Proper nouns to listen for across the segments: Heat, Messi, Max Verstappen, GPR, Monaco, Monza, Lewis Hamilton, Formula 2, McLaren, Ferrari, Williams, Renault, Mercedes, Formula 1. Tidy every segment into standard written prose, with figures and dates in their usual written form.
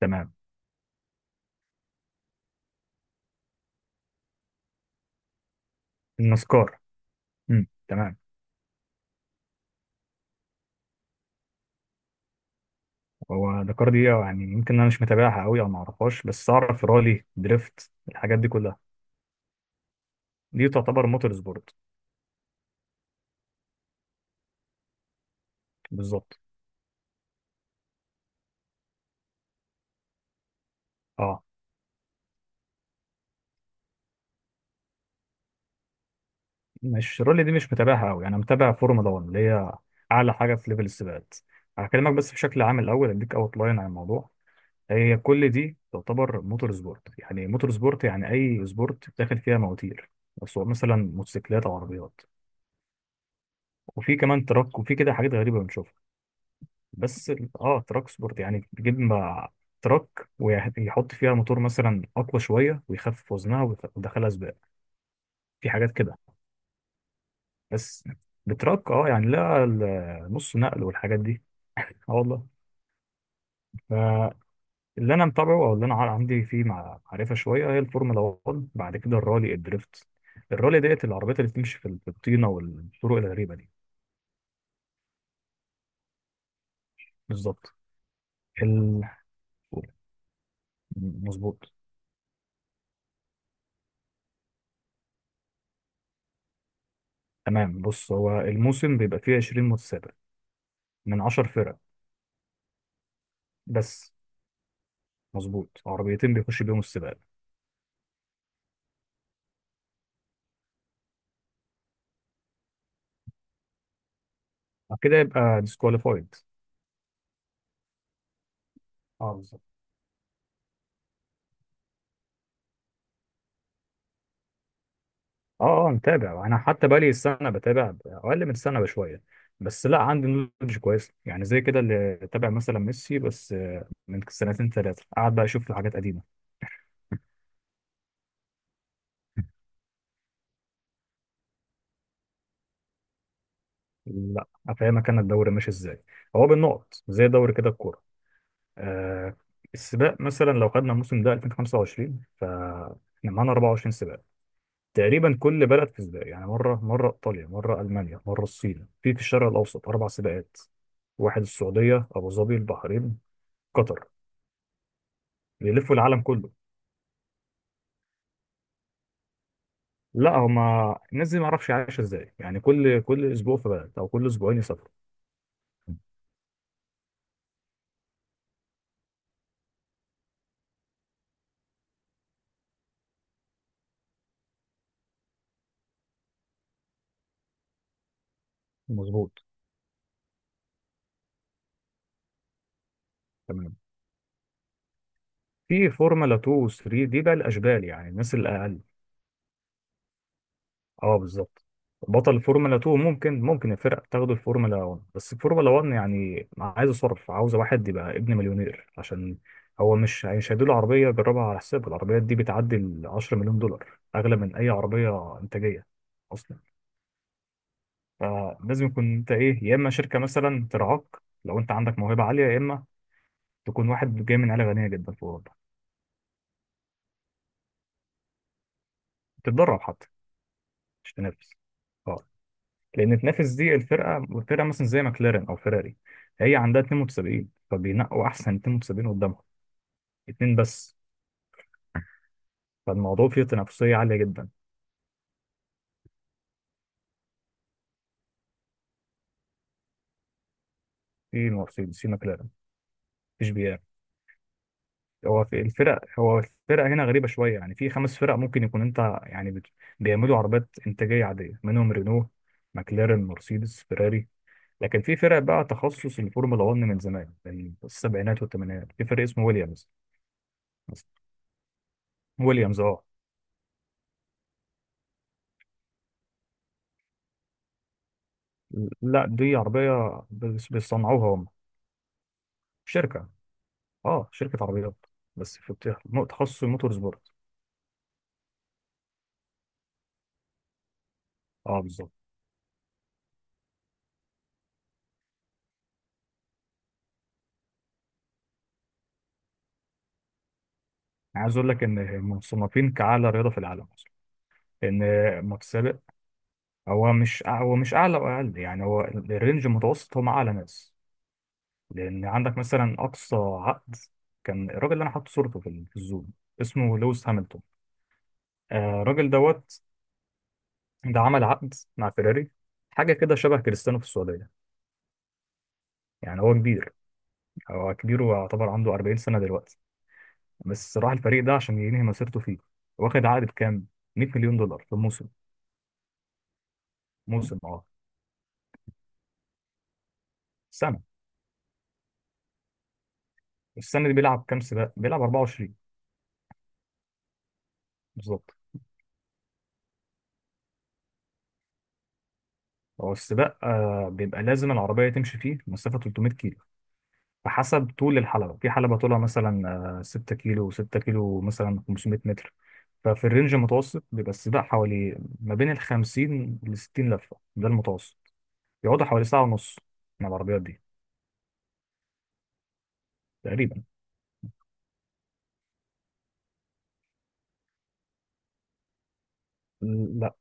تمام. النسكار. تمام. هو الدكار دي يعني يمكن انا مش متابعها قوي او ما اعرفهاش، بس اعرف رالي، دريفت، الحاجات دي كلها، دي تعتبر موتور سبورت. بالظبط. اه، مش رالي، دي مش متابعها قوي. انا متابع فورمولا 1، اللي هي اعلى حاجه في ليفل السباقات. هكلمك بس بشكل عام الاول، اديك اوت لاين عن الموضوع. هي كل دي تعتبر موتور سبورت، يعني موتور سبورت يعني اي سبورت داخل فيها مواتير، بس هو مثلا موتوسيكلات او عربيات. وفي كمان تراك، وفي كده حاجات غريبه بنشوفها. بس اه، تراك سبورت يعني بتجيب مع تراك، ويحط فيها موتور مثلا اقوى شويه، ويخفف وزنها، ويدخلها سباق. في حاجات كده. بس بتراك، اه، يعني لا نص نقل والحاجات دي. اه والله. فاللي انا متابعه، او اللي انا عندي فيه معرفه شويه، هي الفورمولا 1، بعد كده الرالي، الدريفت. الرالي ديت العربيات اللي بتمشي في الطينه والطرق الغريبه دي. بالظبط. ال... مظبوط. تمام، بص، هو الموسم بيبقى فيه 20 متسابق من 10 فرق. بس مظبوط، عربيتين بيخش بيهم السباق. بعد كده يبقى ديسكواليفايد. اه بالظبط. اه اه، متابع انا، حتى بقالي السنه بتابع، اقل من السنه بشويه، بس لا، عندي نولج كويس. يعني زي كده اللي تابع مثلا ميسي، بس آه، من سنتين ثلاثه قعد بقى اشوف حاجات قديمه. لا افهمك، انا الدوري ماشي ازاي. هو بالنقط زي دوري كده الكوره. آه. السباق مثلا لو خدنا الموسم ده 2025، فاحنا معانا 24 سباق تقريبا. كل بلد في سباق، يعني مره مره ايطاليا، مره المانيا، مره الصين، في الشرق الاوسط اربع سباقات، واحد السعوديه، ابو ظبي، البحرين، قطر. بيلفوا العالم كله. لا، هما الناس دي ما اعرفش عايشه ازاي، يعني كل كل اسبوع في بلد، او كل اسبوعين يسافروا. مظبوط. تمام. في فورمولا 2 و 3، دي بقى الاشبال، يعني الناس الاقل. اه بالظبط. بطل الفورمولا 2 ممكن، الفرق تاخده الفورمولا 1، بس الفورمولا 1 يعني عايزه صرف، عاوزه واحد يبقى ابن مليونير، عشان هو مش هيديله عربيه يجربها على حسابه. العربيات دي بتعدي ال 10 مليون دولار، اغلى من اي عربيه انتاجيه اصلا. فلازم يكون انت ايه، يا اما شركه مثلا ترعاك لو انت عندك موهبه عاليه، يا اما تكون واحد جاي من عيله غنيه جدا في اوروبا. تتدرب حتى، مش تنافس. اه، لان تنافس دي الفرقه، فرقه مثلا زي ماكلارين او فيراري، هي عندها 72، فبينقوا احسن 72 قدامهم، اتنين بس. فالموضوع فيه تنافسيه عاليه جدا. في مرسيدس، في ماكلارين، في جي بي ار. هو الفرق هنا غريبه شويه، يعني في خمس فرق ممكن يكون انت، يعني بيعملوا عربيات انتاجيه عاديه، منهم رينو، ماكلارين، مرسيدس، فيراري. لكن في فرق بقى تخصص الفورمولا 1 من زمان، من السبعينات والثمانينات، في فرق اسمه ويليامز مثلا. ويليامز اه. لا، دي عربية بيصنعوها هم. شركة، اه شركة عربيات، بس في تخصص الموتور سبورت. اه بالظبط. أنا عايز اقول لك ان مصنفين كأعلى رياضة في العالم اصلا، ان متسابق هو مش أع- هو مش اعلى واقل، يعني هو الرينج المتوسط هم اعلى ناس. لان عندك مثلا اقصى عقد، كان الراجل اللي انا حاطط صورته في الزوم، اسمه لويس هامilton. آه الراجل دوت. ده عمل عقد مع فيراري، حاجة كده شبه كريستيانو في السعودية. يعني هو كبير، هو كبير، ويعتبر عنده 40 سنة دلوقتي، بس راح الفريق ده عشان ينهي مسيرته فيه. واخد عقد بكام؟ 100 مليون دولار في موسم. موسم اه، سنة. السنة دي بيلعب كام سباق؟ بيلعب 24. بالظبط. هو السباق آه، بيبقى لازم العربية تمشي فيه مسافة 300 كيلو. فحسب طول الحلبة، في حلبة طولها مثلا آه 6 كيلو، 6 كيلو مثلا 500 متر. ففي الرينج المتوسط بيبقى السباق حوالي ما بين ال 50 ل 60 لفة، ده المتوسط، يقعدوا حوالي ساعة ونص مع العربيات دي تقريبا. لا.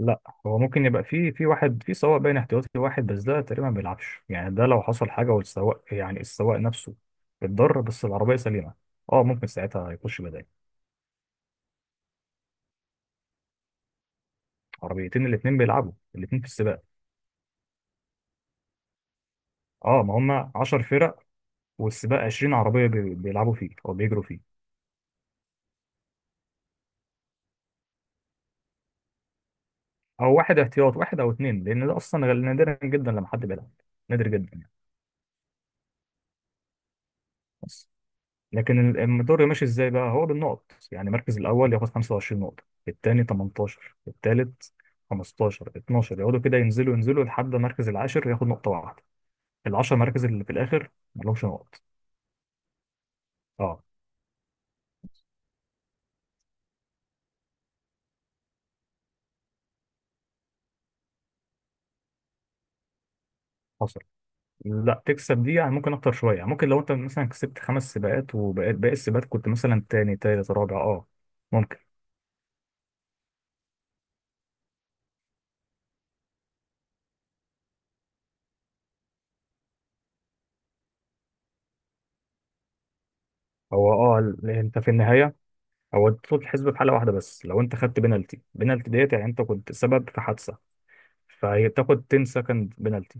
لا هو ممكن يبقى في واحد في سواق باين احتياطي واحد، بس ده تقريبا ما بيلعبش، يعني ده لو حصل حاجه والسواق، يعني السواق نفسه اتضر بس العربيه سليمه، اه، ممكن ساعتها يخش بداية. عربيتين، الاتنين بيلعبوا، الاتنين في السباق. اه، ما هم 10 فرق والسباق 20 عربيه بيلعبوا فيه او بيجروا فيه. او واحد احتياط، واحد او اتنين، لان ده اصلا نادرا جدا لما حد بيلعب، نادر جدا يعني. بس. لكن الدوري ماشي ازاي بقى، هو بالنقط. يعني المركز الاول ياخد 25 نقطه، الثاني 18، الثالث 15، 12، يقعدوا كده ينزلوا ينزلوا لحد المركز العاشر ياخد نقطه واحده. العشر مراكز اللي في الاخر ما لهمش نقط. اه. حصل. لا تكسب دي يعني ممكن اكتر شويه، يعني ممكن لو انت مثلا كسبت خمس سباقات، وباقي السباقات كنت مثلا تاني تالت رابع، اه ممكن. هو اه، انت في النهايه، هو طول الحسبه في حاله واحده، بس لو انت خدت بنالتي، بنالتي ديت يعني انت كنت سبب في حادثه، فهي بتاخد 10 سكند بنالتي،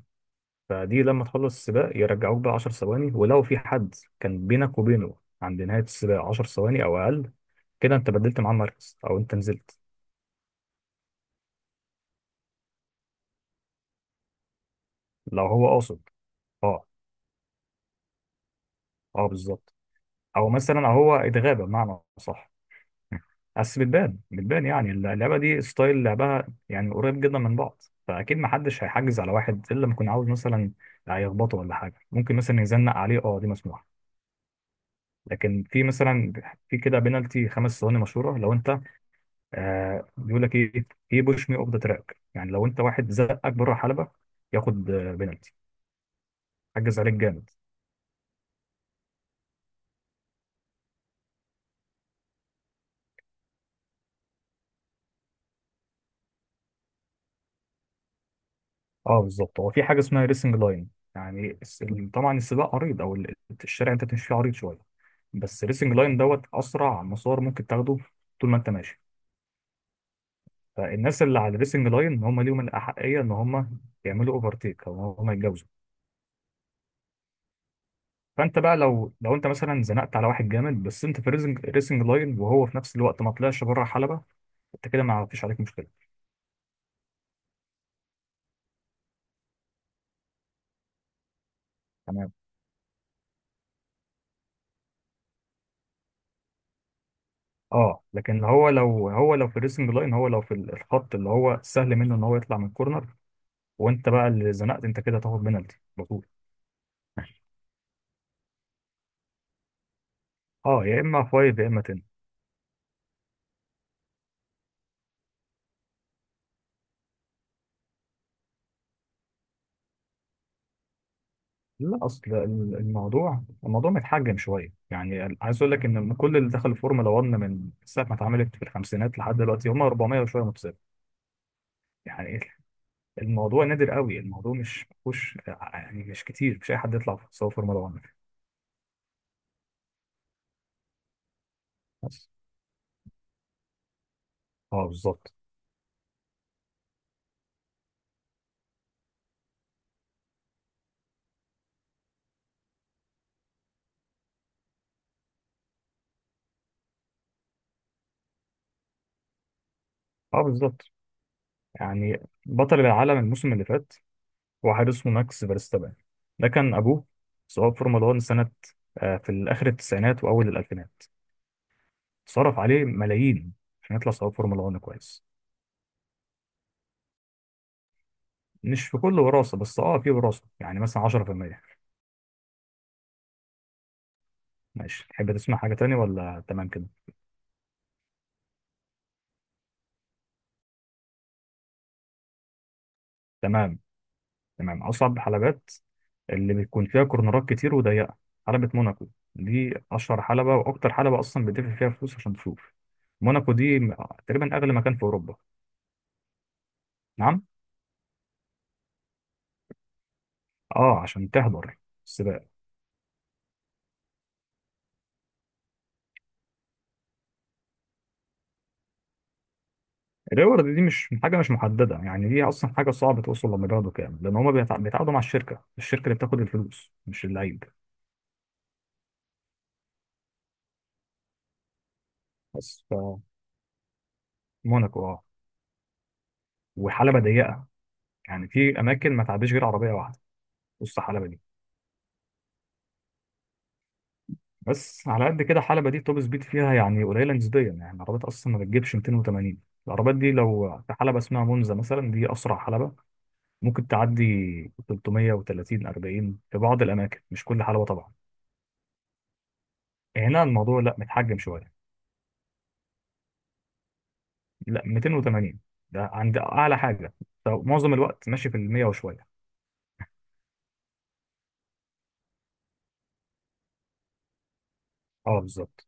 فدي لما تخلص السباق يرجعوك بقى 10 ثواني، ولو في حد كان بينك وبينه عند نهاية السباق 10 ثواني أو أقل، كده أنت بدلت معاه المركز أو أنت نزلت. لو هو قاصد. أه. أه بالظبط. أو مثلا أو هو اتغاب بمعنى صح، بس بتبان، يعني اللعبة دي ستايل لعبها يعني قريب جدا من بعض، فأكيد محدش هيحجز على واحد إلا لما يكون عاوز مثلا هيخبطه ولا حاجة. ممكن مثلا يزنق عليه، أه دي مسموحة، لكن في مثلا في كده بينالتي خمس ثواني مشهوره، لو انت آه بيقول لك ايه، ايه بوش مي اوف ذا تراك، يعني لو انت واحد زقك بره الحلبه ياخد آه، بينالتي، حجز عليك جامد. اه بالظبط. هو في حاجه اسمها ريسنج لاين، يعني طبعا السباق عريض الشارع انت بتمشي فيه عريض شويه، بس الريسنج لاين دوت اسرع مسار ممكن تاخده طول ما انت ماشي. فالناس اللي على الريسنج لاين هم ليهم الاحقيه ان هم يعملوا اوفرتيك او هم يتجاوزوا. فانت بقى لو انت مثلا زنقت على واحد جامد، بس انت في ريسنج لاين، وهو في نفس الوقت ما طلعش بره حلبة، انت كده ما فيش عليك مشكله. تمام. اه، لكن هو لو في الريسنج لاين، هو لو في الخط اللي هو سهل منه ان هو يطلع من الكورنر، وانت بقى اللي زنقت، انت كده تاخد بنالتي على طول. اه، يا اما فايف يا اما 10. لا اصل الموضوع متحجم شويه، يعني عايز اقول لك ان كل اللي دخل الفورمولا 1 من ساعه ما اتعملت في الخمسينات لحد دلوقتي، هم 400 وشويه متسابق. يعني الموضوع نادر قوي، الموضوع مش مفهوش، يعني مش كتير، مش اي حد يطلع في سواء فورمولا 1. بس. اه بالظبط. اه بالظبط. يعني بطل العالم الموسم اللي فات، هو حارس اسمه ماكس فيرستابن، ده كان ابوه سواق فورمولا 1 سنه آه، في الاخر التسعينات واول الالفينات، صرف عليه ملايين عشان يطلع سواق فورمولا 1 كويس. مش في كل وراثه، بس اه في وراثه يعني مثلا 10%. ماشي، تحب تسمع حاجه تاني ولا تمام كده. تمام. تمام، أصعب حلبات اللي بيكون فيها كورنرات كتير وضيقة، حلبة موناكو. دي أشهر حلبة، وأكتر حلبة أصلا بتدفع فيها فلوس عشان تشوف. موناكو دي تقريبا أغلى مكان في أوروبا. نعم. اه عشان تحضر السباق. الريورد دي مش حاجة، مش محددة، يعني دي أصلا حاجة صعبة توصل لمبلغ كام، لأن هما بيتعاقدوا مع الشركة، الشركة اللي بتاخد الفلوس مش اللعيب. بس ف، موناكو اه، وحلبة ضيقة يعني في أماكن ما تعديش غير عربية واحدة وسط الحلبة دي. بس على قد كده حلبة دي توب سبيد فيها يعني قليلة نسبيا، يعني العربيات أصلا ما بتجيبش 280. العربيات دي لو في حلبة اسمها مونزا مثلا، دي أسرع حلبة، ممكن تعدي 330، 40 في بعض الأماكن، مش كل حلبة طبعا، هنا الموضوع لا متحجم شوية. لا 280، ده عند أعلى حاجة، فمعظم الوقت ماشي في المية وشوية. اه بالظبط.